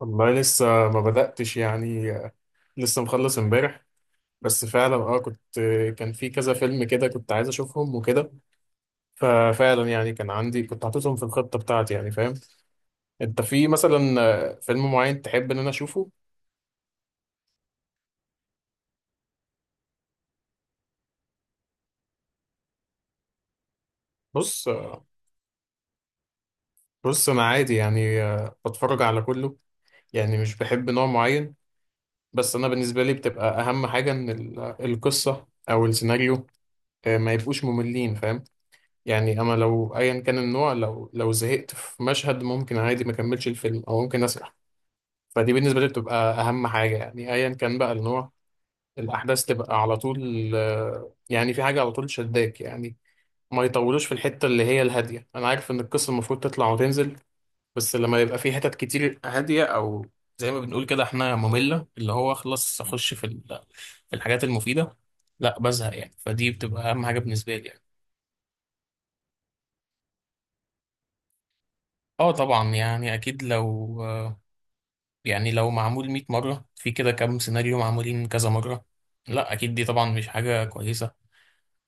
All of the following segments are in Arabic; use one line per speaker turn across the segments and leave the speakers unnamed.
والله لسه ما بدأتش يعني. لسه مخلص امبارح. بس فعلا كنت، كان في كذا فيلم كده كنت عايز اشوفهم وكده. ففعلا يعني كان عندي، كنت حاططهم في الخطة بتاعتي، يعني فاهم. انت في مثلا فيلم معين تحب ان انا اشوفه؟ بص آه، بص انا عادي يعني، بتفرج على كله. يعني مش بحب نوع معين. بس انا بالنسبة لي بتبقى اهم حاجة ان القصة او السيناريو، ما يبقوش مملين، فاهم. يعني انا لو ايا كان النوع، لو زهقت في مشهد ممكن عادي ما اكملش الفيلم او ممكن اسرح. فدي بالنسبه لي بتبقى اهم حاجه، يعني ايا كان بقى النوع، الاحداث تبقى على طول، يعني في حاجه على طول شداك يعني. ما يطولوش في الحته اللي هي الهاديه، انا عارف ان القصه المفروض تطلع وتنزل، بس لما يبقى في حتت كتير هاديه، او زي ما بنقول كده احنا، ممله، اللي هو خلاص اخش في في الحاجات المفيده، لا بزهق، يعني. فدي بتبقى اهم حاجه بالنسبه لي يعني. اه طبعا يعني اكيد لو، يعني لو معمول 100 مرة في كده، كام سيناريو معمولين كذا مرة، لا أكيد دي طبعا مش حاجة كويسة.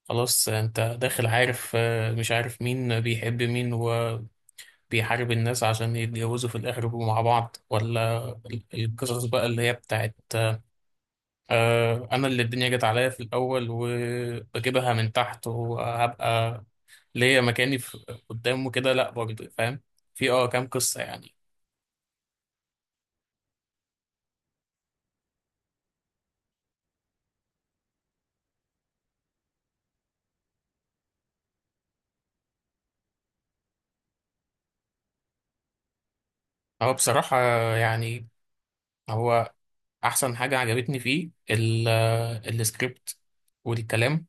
خلاص أنت داخل عارف، مش عارف مين بيحب مين، وبيحارب الناس عشان يتجوزوا في الآخر يبقوا مع بعض، ولا القصص بقى اللي هي بتاعت أنا اللي الدنيا جت عليا في الأول وبجيبها من تحت وهبقى ليا مكاني في قدامه كده، لا برضه، فاهم. في كام قصة يعني. هو بصراحة، يعني، هو احسن حاجه عجبتني فيه السكريبت والكلام،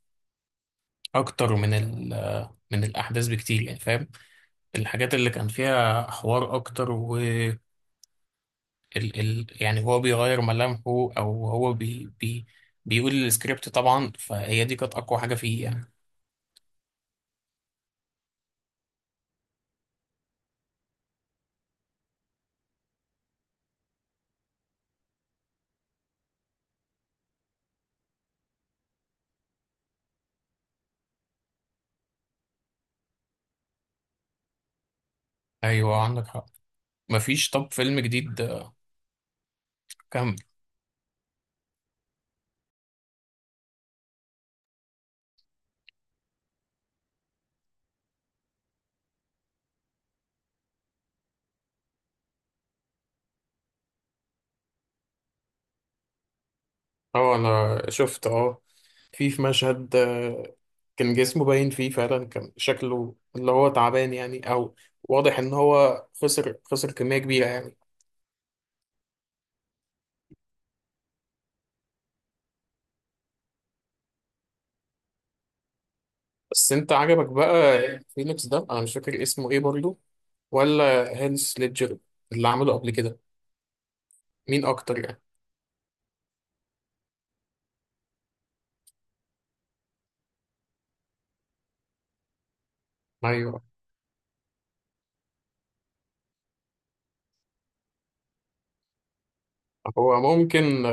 اكتر من من الاحداث بكتير، يعني فاهم، الحاجات اللي كان فيها حوار اكتر. و ال يعني هو بيغير ملامحه، او هو بي بيقول السكريبت طبعا، فهي دي كانت اقوى حاجه فيه يعني. ايوه عندك حق. مفيش طب فيلم جديد كان؟ اه انا شفت، اه، في مشهد كان جسمه باين فيه فعلا، كان شكله اللي هو تعبان يعني، او واضح ان هو خسر كمية كبيرة يعني. بس انت عجبك بقى فينيكس ده؟ انا مش فاكر اسمه ايه برضه. ولا هانس ليدجر اللي عمله قبل كده؟ مين اكتر يعني؟ ايوه، هو ممكن،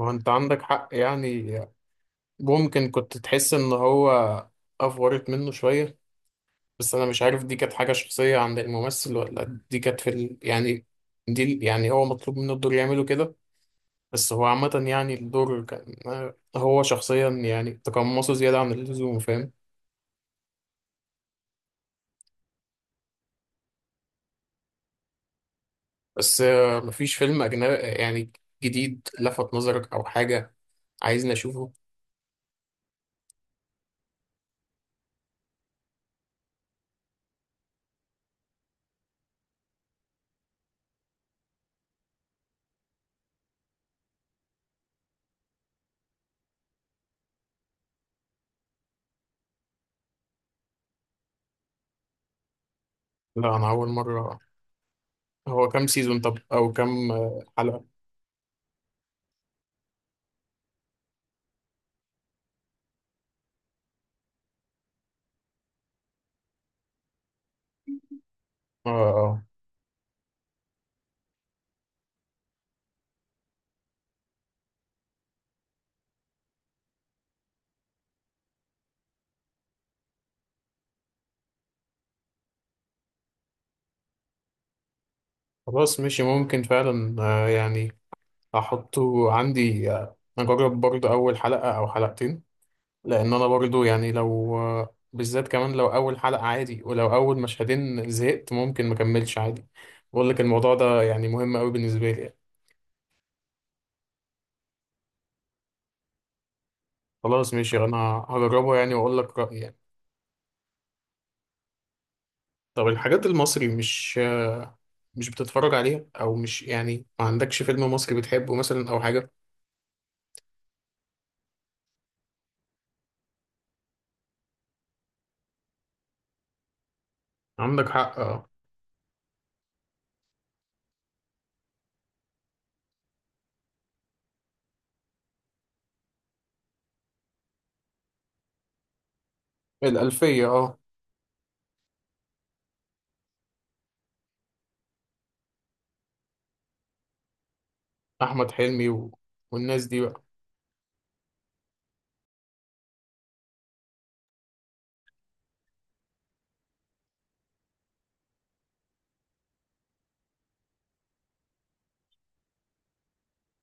هو انت عندك حق يعني، ممكن كنت تحس ان هو افورت منه شوية، بس انا مش عارف دي كانت حاجة شخصية عند الممثل، ولا دي كانت في ال... يعني دي يعني هو مطلوب منه الدور يعمله كده. بس هو عامة يعني الدور كان، هو شخصيا يعني تقمصه زيادة عن اللزوم، فاهم. بس مفيش فيلم أجنبي يعني جديد لفت نظرك أو حاجة عايزني أشوفه؟ لا أنا أول مرة. هو كام سيزون، طب، أو كام حلقة؟ اه اه. خلاص ماشي، ممكن فعلا، يعني، أحطه عندي، أجرب برضه أول حلقة أو حلقتين، لان انا برضو يعني، لو بالذات كمان لو اول حلقة عادي، ولو اول مشهدين زهقت ممكن ما اكملش عادي. بقول لك الموضوع ده يعني مهم قوي بالنسبة لي يعني. خلاص ماشي، انا هجربه يعني، واقول لك رأيي يعني. طب الحاجات المصري مش بتتفرج عليها؟ او مش، يعني ما عندكش فيلم مصري بتحبه مثلا او حاجة؟ عندك حق، اه. الألفية، اه. احمد حلمي و... والناس دي بقى.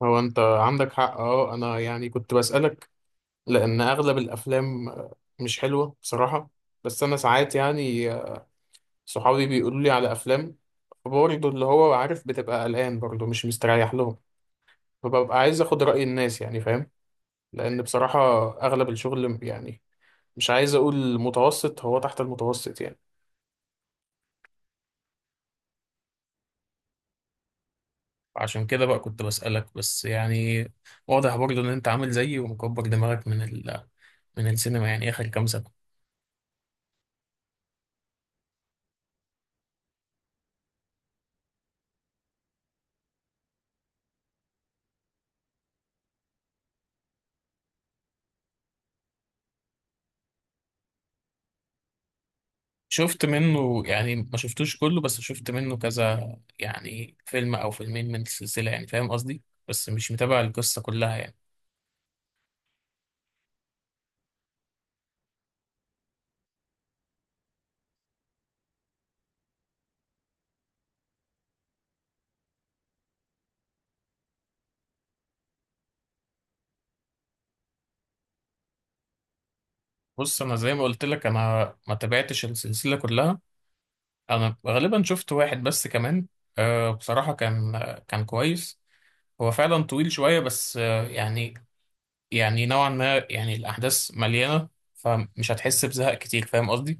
هو انت عندك حق، اه. انا يعني كنت بسألك لأن أغلب الأفلام مش حلوة بصراحة. بس أنا ساعات يعني صحابي بيقولوا لي على أفلام، برضه اللي هو عارف بتبقى قلقان، برضه مش مستريح لهم، فببقى عايز أخد رأي الناس يعني، فاهم. لأن بصراحة أغلب الشغل يعني، مش عايز أقول متوسط، هو تحت المتوسط يعني. عشان كده بقى كنت بسألك بس، يعني واضح برضه إن أنت عامل زيي ومكبر دماغك من السينما يعني آخر كام سنة. شفت منه يعني، ما شفتوش كله، بس شفت منه كذا يعني فيلم او فيلمين من السلسله، يعني فاهم قصدي، بس مش متابع القصه كلها يعني. بص انا زي ما قلت لك، انا ما تابعتش السلسله كلها، انا غالبا شفت واحد بس كمان. بصراحه كان كويس. هو فعلا طويل شويه بس يعني، يعني نوعا ما، يعني الاحداث مليانه، فمش هتحس بزهق كتير، فاهم قصدي.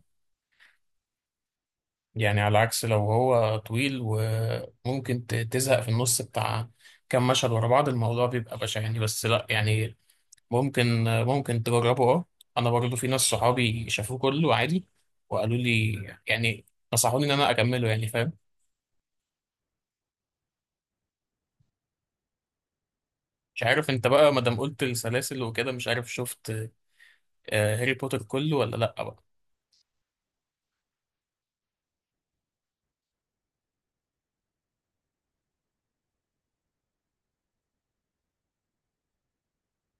يعني على عكس لو هو طويل وممكن تزهق في النص، بتاع كام مشهد ورا بعض الموضوع بيبقى بشع يعني. بس لا يعني، ممكن تجربه، اه. انا برضو في ناس صحابي شافوه كله عادي، وقالوا لي يعني، نصحوني ان انا اكمله، يعني فاهم. مش عارف انت بقى، ما دام قلت السلاسل وكده، مش عارف شفت هاري بوتر كله ولا لا بقى؟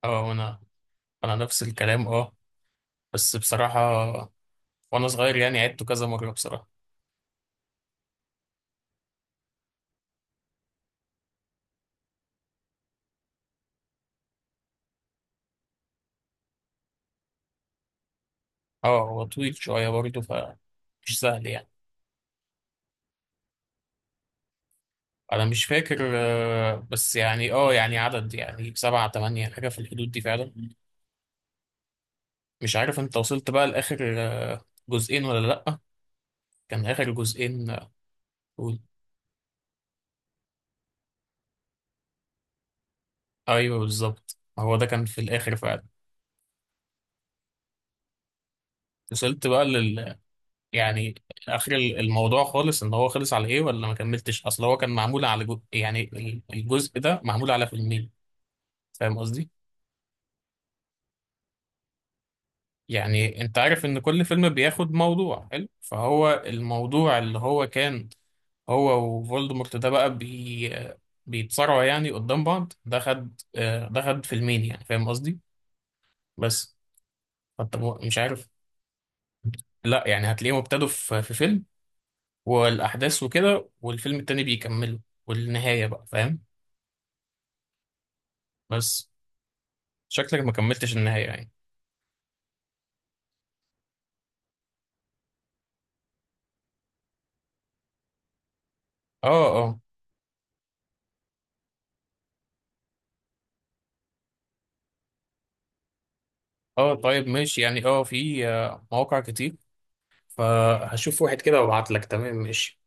اه انا نفس الكلام، اه. بس بصراحة وانا صغير يعني عدته كذا مرة بصراحة. اه هو طويل شوية برضو، فمش سهل يعني. انا مش فاكر بس يعني، يعني عدد، يعني سبعة تمانية حاجة في الحدود دي فعلا. مش عارف انت وصلت بقى لاخر جزئين ولا لأ؟ كان اخر جزئين قول. ايوه بالظبط، هو ده كان في الاخر فعلا. وصلت بقى لل، يعني، اخر الموضوع خالص، ان هو خلص على ايه، ولا ما كملتش؟ اصل هو كان معمول على جو... يعني الجزء ده معمول على فيلمين، فاهم قصدي. يعني انت عارف ان كل فيلم بياخد موضوع حلو، فهو الموضوع اللي هو كان هو وفولدمورت ده بقى، بيتصارعوا يعني قدام بعض، ده خد فيلمين يعني، فاهم قصدي. بس، فانت مش عارف؟ لا يعني هتلاقيهم ابتدوا في في فيلم، والاحداث وكده، والفيلم التاني بيكملوا، والنهاية بقى، فاهم. بس شكلك ما كملتش النهاية يعني. اه. اه، اه طيب ماشي يعني. اه في مواقع كتير، فهشوف واحد كده وابعت لك. تمام، ماشي.